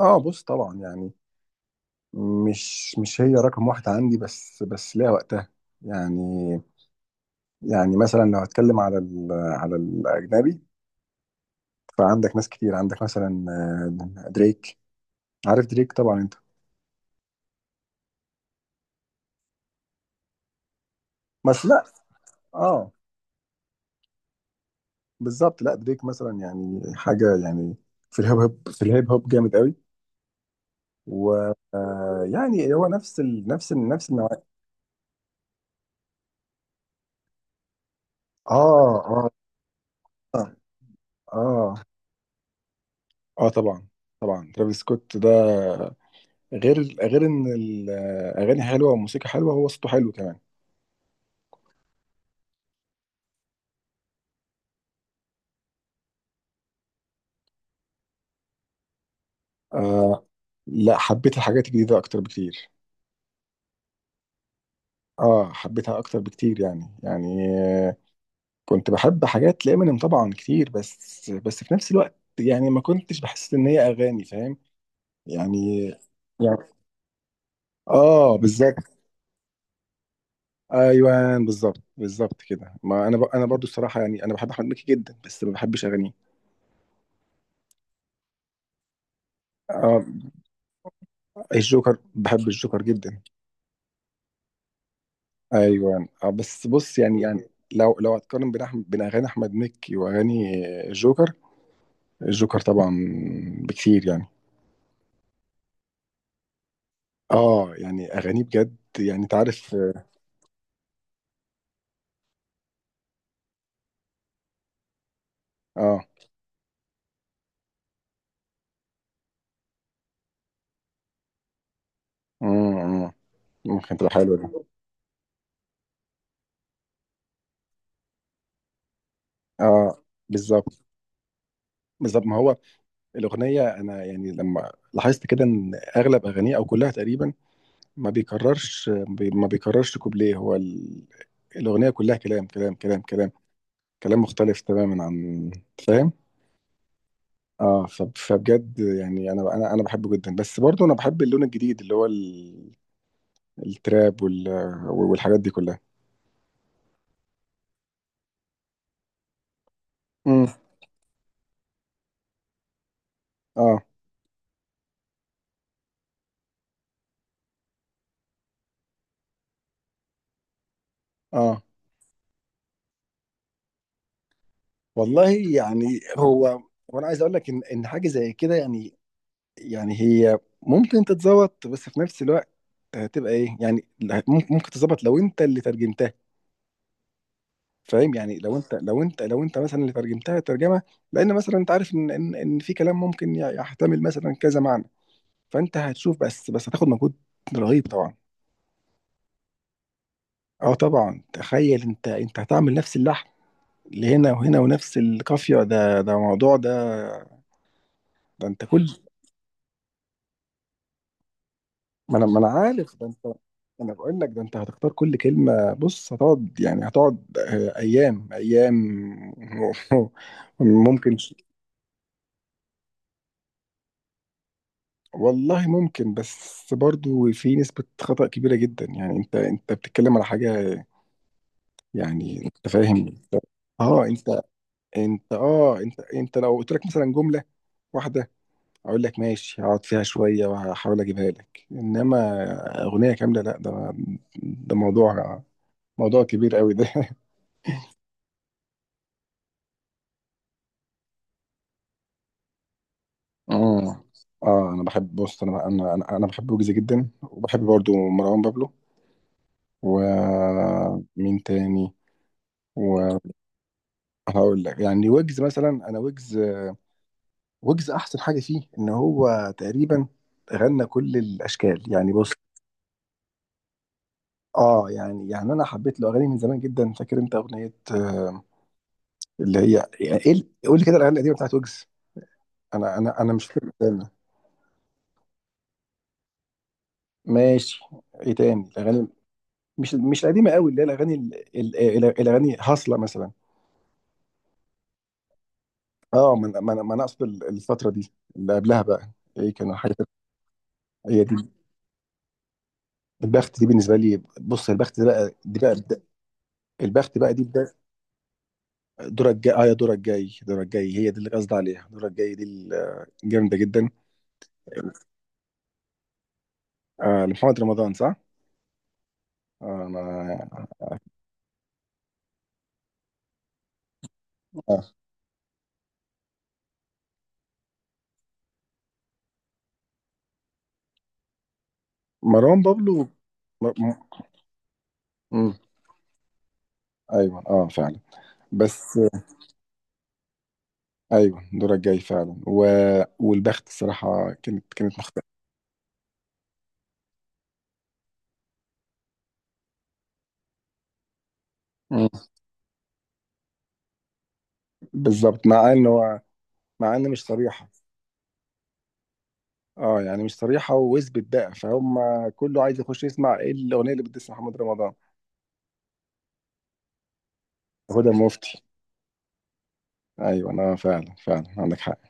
اه، بص طبعا يعني. مش هي رقم واحد عندي، بس ليها وقتها. يعني يعني مثلا لو هتكلم على ال على الاجنبي، فعندك ناس كتير. عندك مثلا دريك. عارف دريك طبعا انت. بس لا. اه، بالظبط. لا، دريك مثلا يعني حاجه يعني. في الهيب هوب جامد قوي. و آه، يعني هو نفس النوع. اه، اه، اه، اه، طبعا. طبعا، ترافيس سكوت ده غير ان الاغاني حلوه والموسيقى حلوه، هو صوته حلو كمان. آه، لا، حبيت الحاجات الجديده اكتر بكتير. اه، حبيتها اكتر بكتير. يعني كنت بحب حاجات لإمينيم طبعا كتير، بس في نفس الوقت يعني ما كنتش بحس ان هي اغاني، فاهم. يعني يعني اه، بالظبط. ايوه، بالظبط بالظبط كده. ما انا برضو الصراحه، يعني انا بحب احمد مكي جدا، بس ما بحبش اغانيه. آه، الجوكر. بحب الجوكر جدا. ايوه، بس بص يعني لو هتقارن بين اغاني احمد مكي واغاني الجوكر. الجوكر طبعا بكتير يعني. اه، يعني اغاني بجد، يعني انت عارف. اه. امم ممكن تبقى حلوه دي. اه، بالظبط. بالظبط ما هو الاغنيه، انا يعني لما لاحظت كده ان اغلب اغانيه او كلها تقريبا ما بيكررش كوبليه. هو الاغنيه كلها كلام كلام كلام كلام، كلام مختلف تماما عن، فاهم. اه، فبجد يعني انا بحبه جدا، بس برضه انا بحب اللون الجديد اللي هو التراب والحاجات دي كلها. امم اه، اه. والله يعني هو، وانا عايز اقول لك ان حاجه زي كده يعني هي ممكن تتظبط، بس في نفس الوقت هتبقى ايه يعني، ممكن تتظبط لو انت اللي ترجمتها. فاهم، يعني لو انت مثلا اللي ترجمتها ترجمه، لان مثلا انت عارف ان ان إن في كلام ممكن يحتمل مثلا كذا معنى، فانت هتشوف، بس هتاخد مجهود رهيب طبعا. اه طبعا، تخيل انت هتعمل نفس اللحن اللي هنا وهنا ونفس القافيه. ده موضوع ده. ده انت كل، ما انا عارف، ده انت. انا بقول لك ده انت هتختار كل كلمه، بص، هتقعد يعني، هتقعد ايام ايام. ممكن. والله ممكن، بس برضو في نسبه خطأ كبيره جدا يعني. انت بتتكلم على حاجه يعني، انت فاهم. اه، انت لو قلت لك مثلا جمله واحده، اقول لك ماشي، هقعد فيها شويه وهحاول اجيبها لك، انما اغنيه كامله لا. ده موضوع كبير قوي ده. اه، اه، انا بحب، بص، انا انا انا أنا بحب ويجز جدا، وبحب برضو مروان بابلو. ومين تاني. وهقول لك يعني، ويجز مثلا، انا ويجز احسن حاجه فيه ان هو تقريبا غنى كل الاشكال يعني، بص. اه، يعني انا حبيت له اغاني من زمان جدا. فاكر انت اغنيه اللي هي، يعني ايه قول لي كده الاغاني القديمه بتاعت ويجز. انا مش فاكر، استنى. ماشي. ايه تاني الاغاني. مش القديمه قوي، اللي هي الاغاني الاغاني هاصله مثلا. اه، ما أنا اقصد الفتره دي اللي قبلها بقى، ايه كانوا حاجه. هي دي. البخت دي بالنسبه لي، بص، البخت ده بقى، دي بقى البخت بقى دي بدا. دورك جاي، اه، يا دورك جاي. دورك جاي هي دي اللي قصدي عليها. دورك جاي دي جامده جدا. آه، لمحمد رمضان، صح؟ انا آه. مروان بابلو، م... م... مم. ايوه، اه، فعلا، بس. ايوه، دورك جاي فعلا والبخت الصراحه، كانت مم. بالظبط، مع ان مش صريحه. اه، يعني مش صريحه، واثبت بقى، فهم. كله عايز يخش يسمع ايه الاغنيه اللي بتسمع محمد رمضان. هدى المفتي، ايوه، انا فعلا فعلا عندك حق.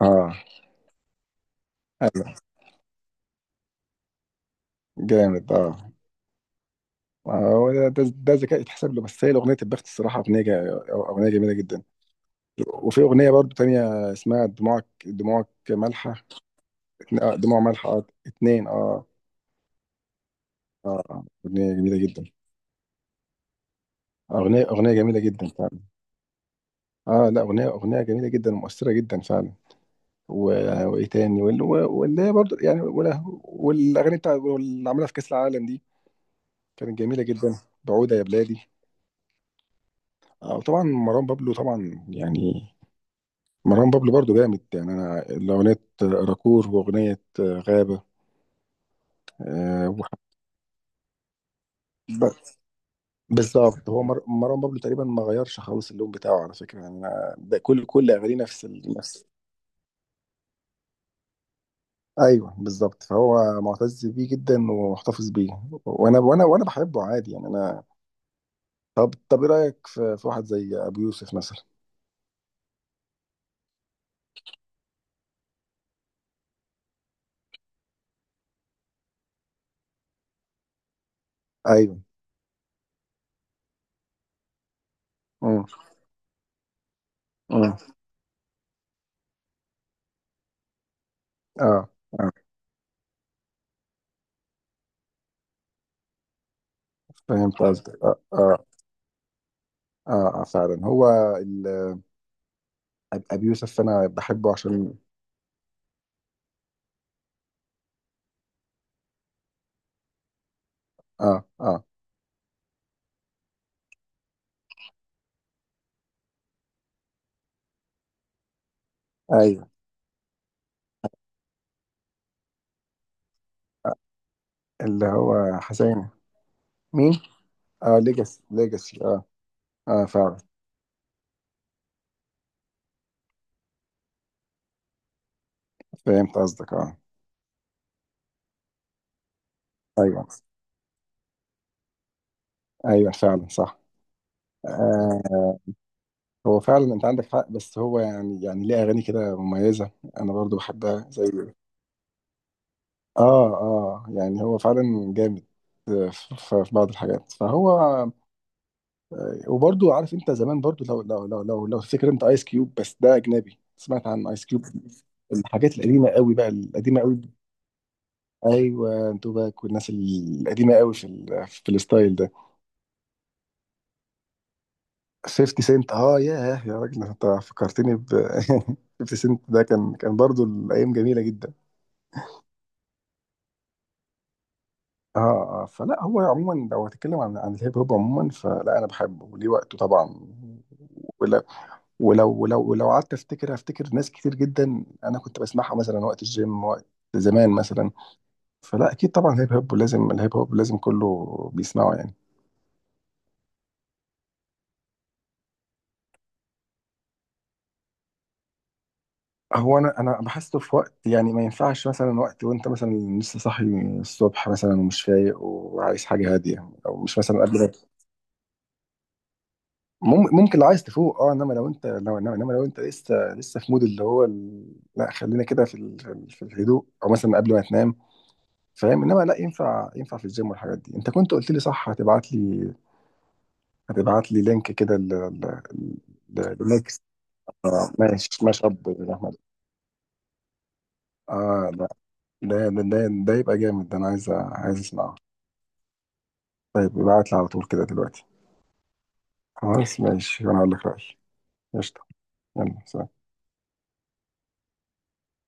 اه، ايوه، جامد، اه. هو ده، ده ذكاء يتحسب له، بس هي اغنيه البخت، الصراحه اغنيه جميله جدا. وفي أغنية برضو تانية اسمها دموعك مالحة. دموع مالحة، اتنين، اه. اه، أغنية جميلة جدا. أغنية جميلة جدا فعلا. اه، لا، أغنية جميلة جدا ومؤثرة جدا فعلا. وإيه تاني. واللي هي برضو يعني، والأغاني بتاع اللي عملها في كأس العالم دي كانت جميلة جدا. بعودة يا بلادي. آه، وطبعا مروان بابلو طبعا يعني. مروان بابلو برضو جامد يعني. أنا الأغنية راكور وأغنية غابة. آه، بالظبط، هو مروان بابلو تقريبا ما غيرش خالص اللون بتاعه على فكره، يعني أنا ده كل اغانيه نفس نفس. ايوه، بالظبط، فهو معتز بيه جدا ومحتفظ بيه. وانا بحبه عادي يعني، انا. طب ايه رايك في واحد زي ابو يوسف مثلا. ايوه. امم، امم. اه، اه، فهمت قصدك. اه، اه، اه. فعلا هو ال... ابو يوسف انا بحبه عشان، اه، اه، ايوه. اللي هو حسين. مين. اه، ليجاسي. ليجاسي، اه. اه، فعلا، فهمت قصدك، اه. ايوه، ايوه، فعلا، صح. آه، هو فعلا انت عندك حق، بس هو يعني ليه اغاني كده مميزه، انا برضو بحبها زي. اه، اه، يعني هو فعلا جامد في في بعض الحاجات. فهو وبرضو عارف انت زمان برضو، لو تفتكر انت ايس كيوب، بس ده اجنبي. سمعت عن ايس كيوب. الحاجات القديمه قوي بقى، القديمه قوي. ايوه، توباك والناس القديمه قوي في في الستايل ده. 50 سنت، اه، ياه، يا راجل، انت فكرتني ب. 50 سنت ده، كان برضو، الايام جميله جدا. اه، اه، فلا هو عموما لو هتكلم عن الهيب هوب عموما، فلا انا بحبه وليه وقته طبعا. ولو ولو قعدت افتكر ناس كتير جدا انا كنت بسمعها مثلا وقت الجيم، وقت زمان مثلا. فلا اكيد طبعا الهيب هوب لازم كله بيسمعه يعني. هو، انا بحسه في وقت يعني، ما ينفعش مثلا وقت وانت مثلا لسه صاحي الصبح مثلا ومش فايق وعايز حاجه هاديه، او مش مثلا قبل ما ممكن لو عايز تفوق، اه، انما لو انت لو انما إنما لو انت لسه في مود اللي هو لا، خلينا كده في الهدوء، او مثلا قبل ما تنام. فاهم، انما لا، ينفع في الجيم والحاجات دي. انت كنت قلت لي صح هتبعت لي لينك كده لنكست. آه، ماشي، ماشي، يا رب يا احمد. اه، لا، ده يبقى جامد. ده انا عايز اسمعه. طيب، ابعت لي على طول كده دلوقتي. خلاص، قشطة، ماشي، وانا هقول لك رأيي. قشطة. يلا، سلام.